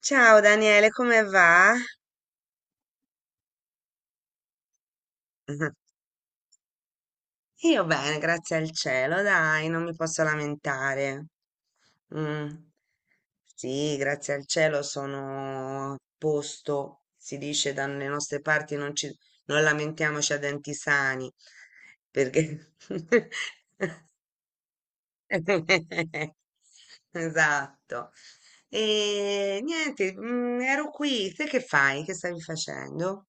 Ciao Daniele, come va? Io bene, grazie al cielo, dai, non mi posso lamentare. Mm. Sì, grazie al cielo sono a posto, si dice dalle nostre parti non lamentiamoci a denti sani, perché... Esatto. E niente, ero qui, te che fai? Che stavi facendo?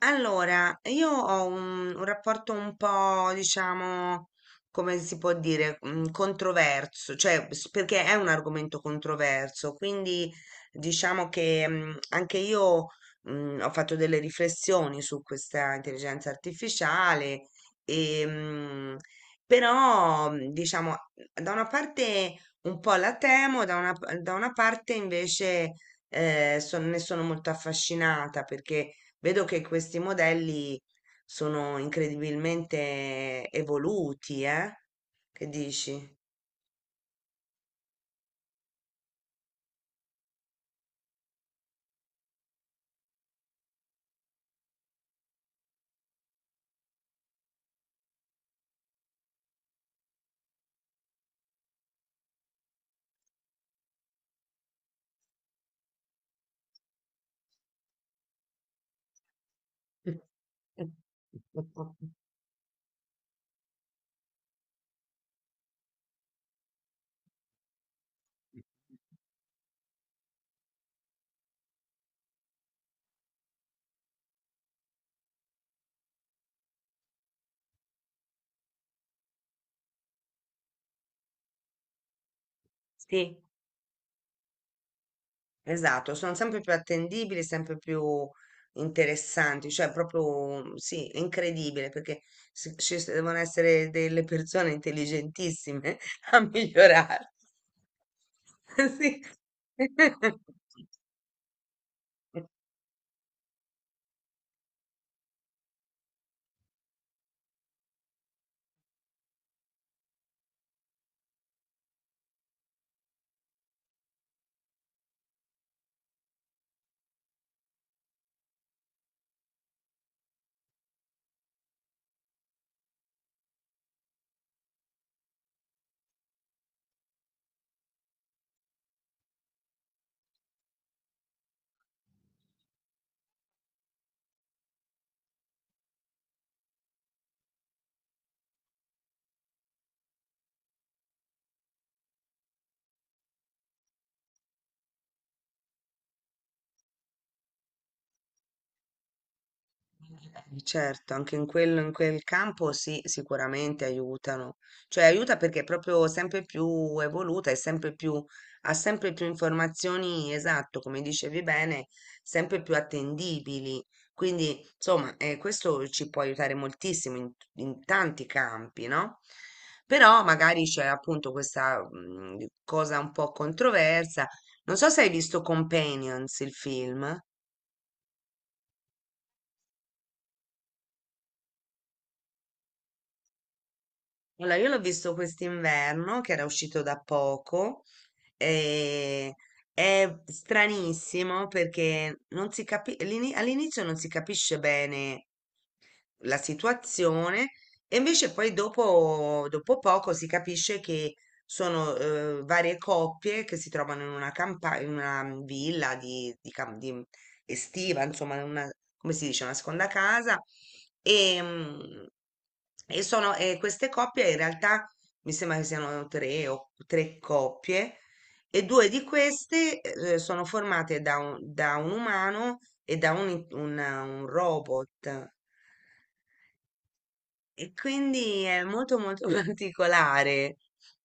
Allora, io ho un rapporto un po', diciamo, come si può dire, controverso, perché è un argomento controverso, quindi diciamo che anche io ho fatto delle riflessioni su questa intelligenza artificiale, e, mm, però diciamo, da una parte un po' la temo, da una parte invece ne sono molto affascinata perché vedo che questi modelli sono incredibilmente evoluti, eh? Che dici? Sì, esatto, sono sempre più attendibili, sempre più interessanti, cioè proprio sì, è incredibile perché devono essere delle persone intelligentissime a migliorare. Sì. Certo, anche in quello, in quel campo sì, sicuramente aiutano. Cioè aiuta perché è proprio sempre più evoluta e sempre più, ha sempre più informazioni, esatto, come dicevi bene, sempre più attendibili. Quindi, insomma, questo ci può aiutare moltissimo in tanti campi, no? Però magari c'è appunto questa cosa un po' controversa. Non so se hai visto Companions, il film. Allora, io l'ho visto quest'inverno, che era uscito da poco, e è stranissimo perché non si capi- all'ini- all'inizio non si capisce bene la situazione e invece poi dopo, dopo poco si capisce che sono varie coppie che si trovano in una campagna, in una villa di estiva, insomma, in una, come si dice, una seconda casa e, mm, e sono, e queste coppie in realtà mi sembra che siano tre coppie e due di queste sono formate da da un umano e da un robot. E quindi è molto molto particolare.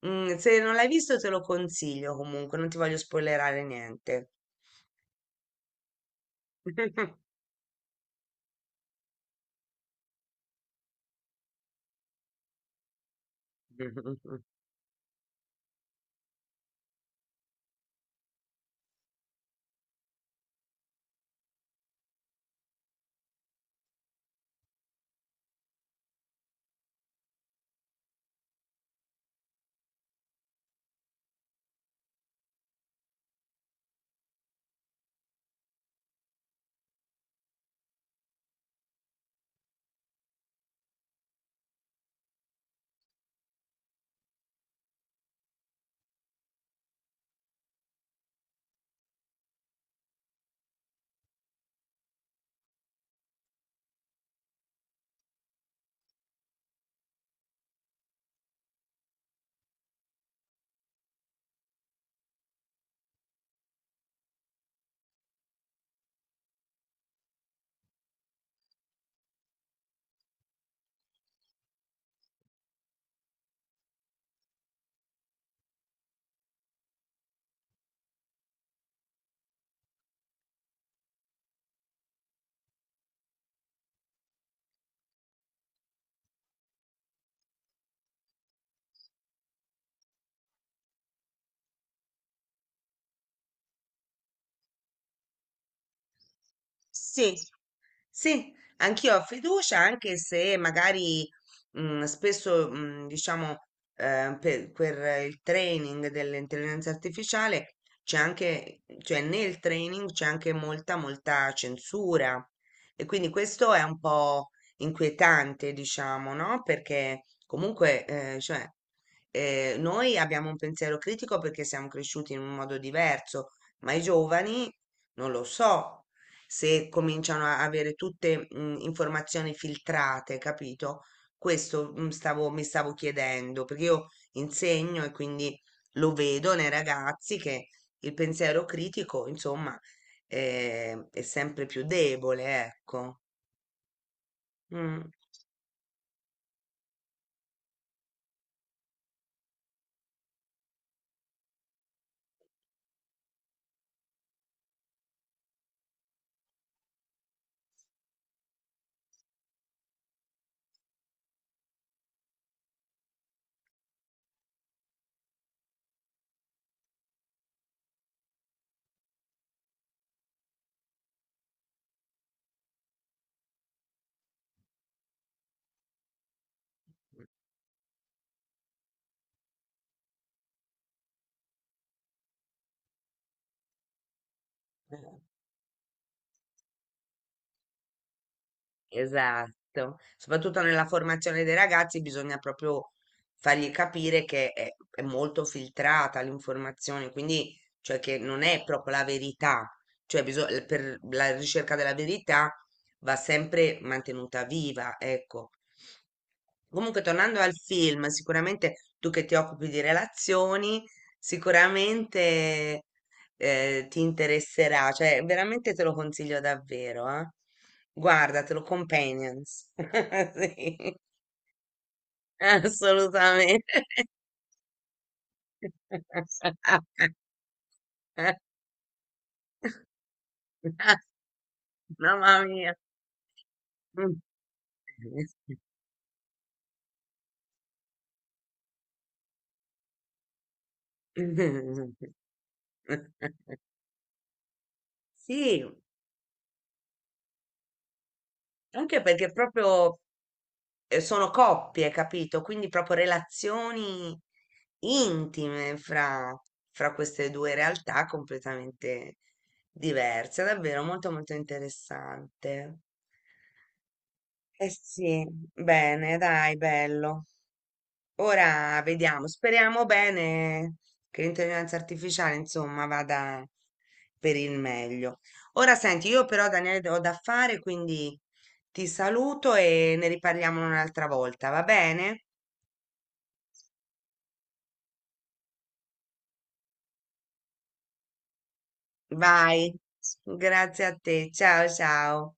Mm, se non l'hai visto te lo consiglio comunque, non ti voglio spoilerare niente. Sì, sì, anch'io ho fiducia, anche se magari diciamo, per il training dell'intelligenza artificiale c'è anche, cioè nel training c'è anche molta censura. E quindi questo è un po' inquietante, diciamo, no? Perché comunque, noi abbiamo un pensiero critico perché siamo cresciuti in un modo diverso, ma i giovani non lo so se cominciano a avere tutte informazioni filtrate, capito? Questo mi stavo chiedendo, perché io insegno e quindi lo vedo nei ragazzi che il pensiero critico, insomma, è sempre più debole, ecco. Mm. Esatto, soprattutto nella formazione dei ragazzi bisogna proprio fargli capire che è molto filtrata l'informazione, quindi cioè che non è proprio la verità, per la ricerca della verità va sempre mantenuta viva, ecco. Comunque, tornando al film, sicuramente tu che ti occupi di relazioni, sicuramente ti interesserà, cioè veramente te lo consiglio davvero, eh. Guardatelo, Companions. Sì, assolutamente. Mamma mia. Sì, anche perché proprio sono coppie, capito? Quindi proprio relazioni intime fra queste due realtà completamente diverse. Davvero molto molto interessante. Eh sì, bene, dai, bello. Ora vediamo, speriamo bene che l'intelligenza artificiale, insomma, vada per il meglio. Ora senti, io però Daniele ho da fare, quindi ti saluto e ne riparliamo un'altra volta, va bene? Vai, grazie a te. Ciao ciao.